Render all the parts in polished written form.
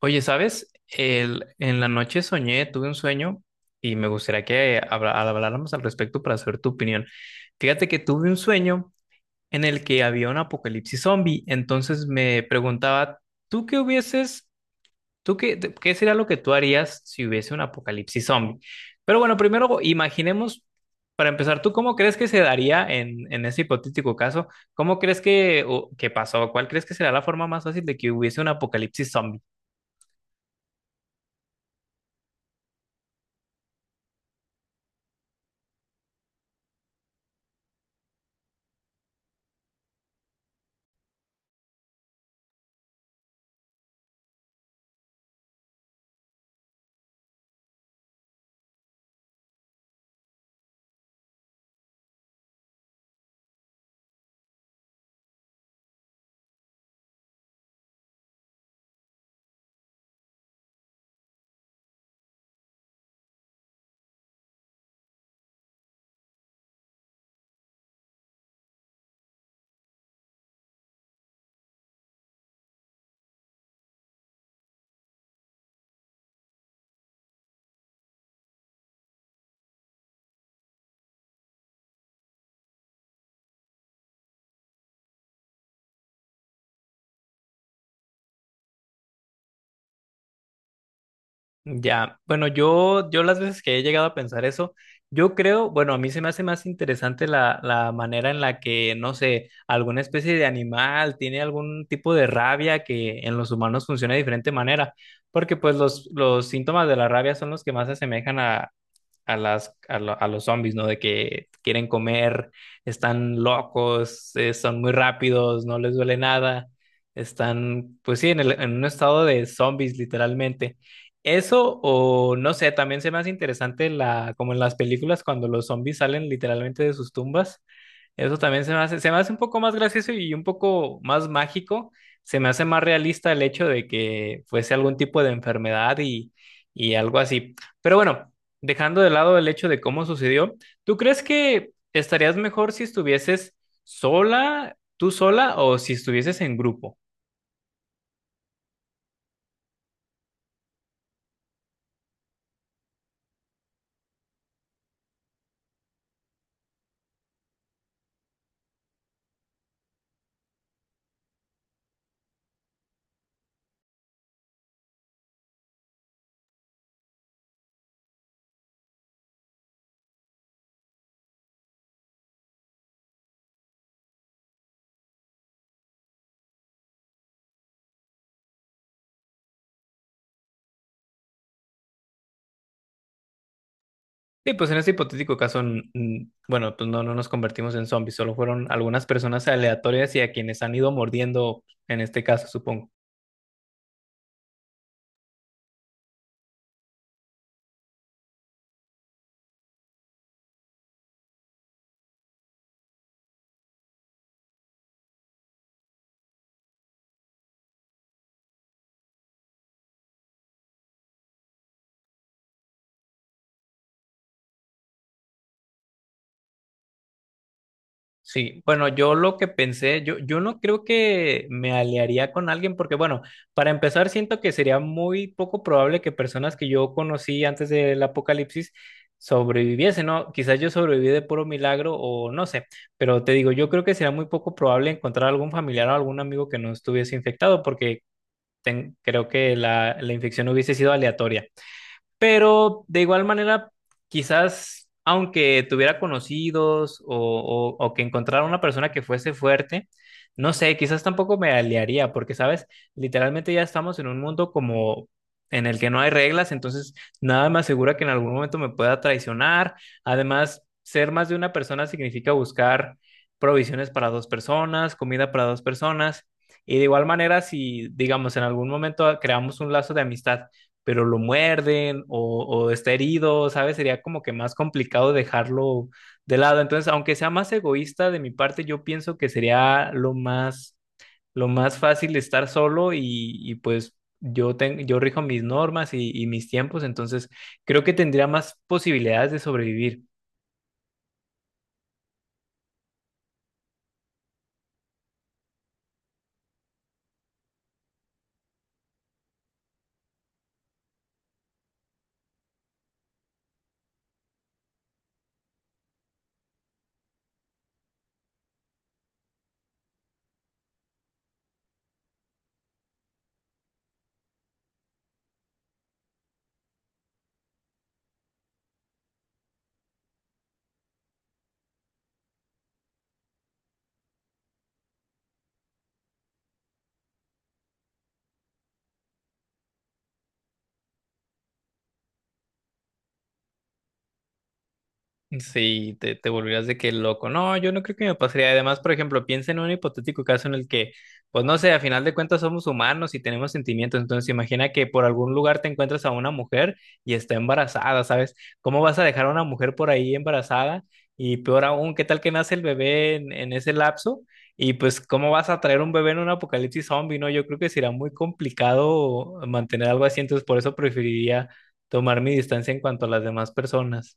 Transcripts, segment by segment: Oye, ¿sabes? En la noche soñé, tuve un sueño y me gustaría que habláramos al respecto para saber tu opinión. Fíjate que tuve un sueño en el que había un apocalipsis zombie. Entonces me preguntaba, ¿tú qué hubieses, ¿tú qué, qué sería lo que tú harías si hubiese un apocalipsis zombie? Pero bueno, primero imaginemos, para empezar, ¿tú cómo crees que se daría en ese hipotético caso? ¿Cómo crees que pasó? ¿Cuál crees que será la forma más fácil de que hubiese un apocalipsis zombie? Ya, bueno, yo las veces que he llegado a pensar eso, yo creo, bueno, a mí se me hace más interesante la manera en la que, no sé, alguna especie de animal tiene algún tipo de rabia que en los humanos funciona de diferente manera, porque pues los síntomas de la rabia son los que más se asemejan a las, a, lo- a los zombies, ¿no? De que quieren comer, están locos, son muy rápidos, no les duele nada, están, pues sí, en en un estado de zombies, literalmente. Eso o no sé, también se me hace interesante la, como en las películas cuando los zombies salen literalmente de sus tumbas. Eso también se me hace un poco más gracioso y un poco más mágico. Se me hace más realista el hecho de que fuese algún tipo de enfermedad y algo así. Pero bueno, dejando de lado el hecho de cómo sucedió, ¿tú crees que estarías mejor si estuvieses sola, tú sola, o si estuvieses en grupo? Sí, pues en este hipotético caso, bueno, pues no, no nos convertimos en zombies, solo fueron algunas personas aleatorias y a quienes han ido mordiendo, en este caso, supongo. Sí, bueno, yo lo que pensé, yo no creo que me aliaría con alguien porque, bueno, para empezar, siento que sería muy poco probable que personas que yo conocí antes del apocalipsis sobreviviesen, ¿no? Quizás yo sobreviví de puro milagro o no sé, pero te digo, yo creo que sería muy poco probable encontrar algún familiar o algún amigo que no estuviese infectado porque creo que la infección hubiese sido aleatoria. Pero de igual manera, quizás aunque tuviera conocidos o o- que encontrara una persona que fuese fuerte, no sé, quizás tampoco me aliaría, porque, ¿sabes? Literalmente ya estamos en un mundo como en el que no hay reglas, entonces nada me asegura que en algún momento me pueda traicionar. Además, ser más de una persona significa buscar provisiones para dos personas, comida para dos personas. Y de igual manera, si, digamos, en algún momento creamos un lazo de amistad pero lo muerden o está herido, ¿sabes? Sería como que más complicado dejarlo de lado. Entonces, aunque sea más egoísta de mi parte, yo pienso que sería lo más fácil estar solo y pues yo, yo rijo mis normas y mis tiempos, entonces creo que tendría más posibilidades de sobrevivir. Sí, te volverías de que loco. No, yo no creo que me pasaría. Además, por ejemplo, piensa en un hipotético caso en el que, pues no sé, a final de cuentas somos humanos y tenemos sentimientos. Entonces, imagina que por algún lugar te encuentras a una mujer y está embarazada, ¿sabes? ¿Cómo vas a dejar a una mujer por ahí embarazada? Y peor aún, ¿qué tal que nace el bebé en ese lapso? Y pues, ¿cómo vas a traer un bebé en un apocalipsis zombie? No, yo creo que será muy complicado mantener algo así. Entonces, por eso preferiría tomar mi distancia en cuanto a las demás personas.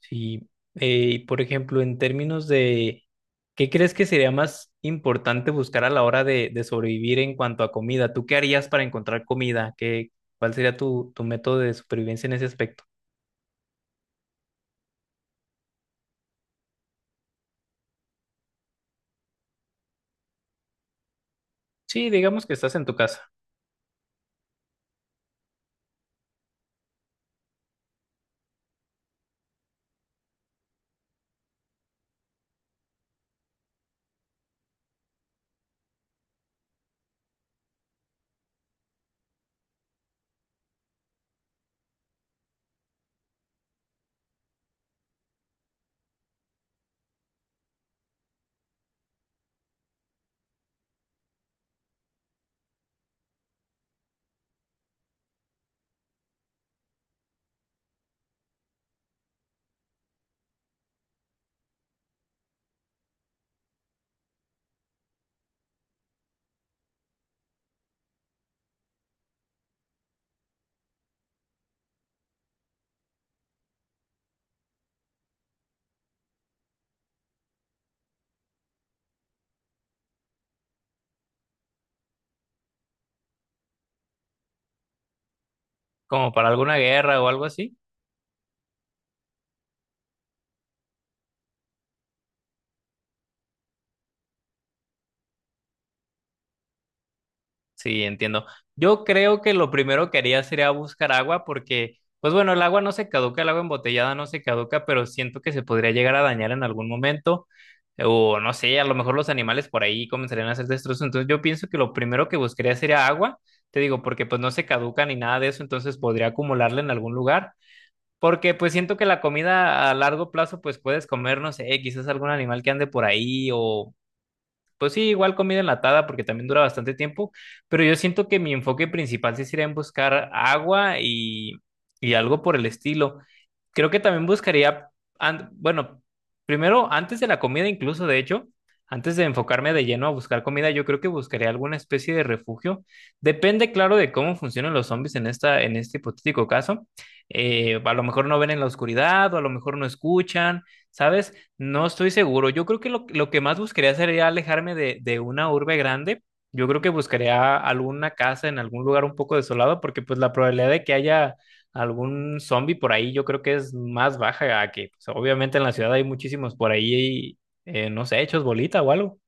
Sí, por ejemplo, en términos de, ¿qué crees que sería más importante buscar a la hora de sobrevivir en cuanto a comida? ¿Tú qué harías para encontrar comida? ¿Cuál sería tu método de supervivencia en ese aspecto? Sí, digamos que estás en tu casa, como para alguna guerra o algo así. Sí, entiendo. Yo creo que lo primero que haría sería buscar agua porque, pues bueno, el agua no se caduca, el agua embotellada no se caduca, pero siento que se podría llegar a dañar en algún momento. O no sé, a lo mejor los animales por ahí comenzarían a hacer destrozos. Entonces yo pienso que lo primero que buscaría sería agua, te digo, porque pues no se caduca ni nada de eso, entonces podría acumularla en algún lugar. Porque pues siento que la comida a largo plazo pues puedes comer, no sé, quizás algún animal que ande por ahí o pues sí, igual comida enlatada porque también dura bastante tiempo, pero yo siento que mi enfoque principal sí sería en buscar agua y algo por el estilo. Creo que también buscaría, bueno, primero antes de la comida incluso, de hecho, antes de enfocarme de lleno a buscar comida, yo creo que buscaría alguna especie de refugio. Depende, claro, de cómo funcionan los zombies en en este hipotético caso. A lo mejor no ven en la oscuridad o a lo mejor no escuchan. ¿Sabes? No estoy seguro. Yo creo que lo que más buscaría sería alejarme de una urbe grande. Yo creo que buscaría alguna casa en algún lugar un poco desolado, porque pues la probabilidad de que haya algún zombie por ahí, yo creo que es más baja a que, pues, obviamente en la ciudad hay muchísimos por ahí, no sé, hechos bolita o algo.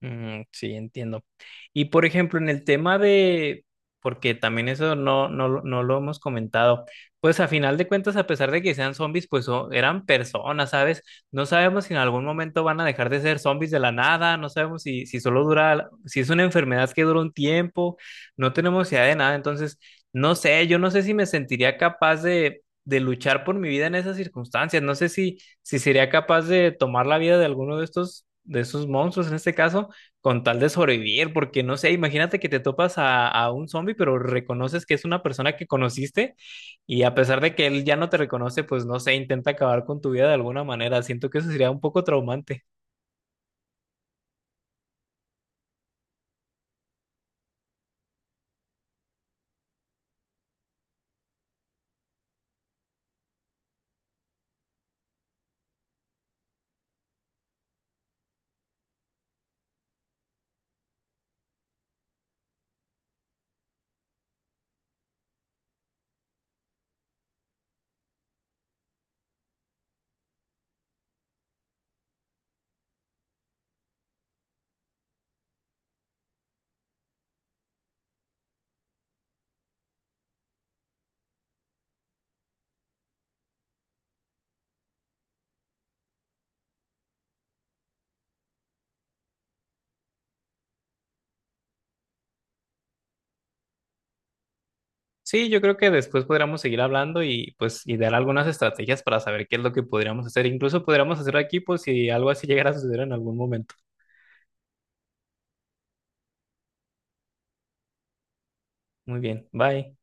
Mm, sí, entiendo. Y por ejemplo, en el tema de, porque también eso no lo hemos comentado, pues a final de cuentas, a pesar de que sean zombies, pues eran personas, ¿sabes? No sabemos si en algún momento van a dejar de ser zombies de la nada, no sabemos si solo dura, si es una enfermedad que dura un tiempo, no tenemos idea de nada, entonces, no sé, yo no sé si me sentiría capaz de luchar por mi vida en esas circunstancias, no sé si sería capaz de tomar la vida de alguno de estos, de esos monstruos en este caso con tal de sobrevivir, porque no sé, imagínate que te topas a un zombie, pero reconoces que es una persona que conociste y a pesar de que él ya no te reconoce, pues no sé, intenta acabar con tu vida de alguna manera. Siento que eso sería un poco traumante. Sí, yo creo que después podríamos seguir hablando y pues y dar algunas estrategias para saber qué es lo que podríamos hacer. Incluso podríamos hacer equipos si algo así llegara a suceder en algún momento. Muy bien, bye.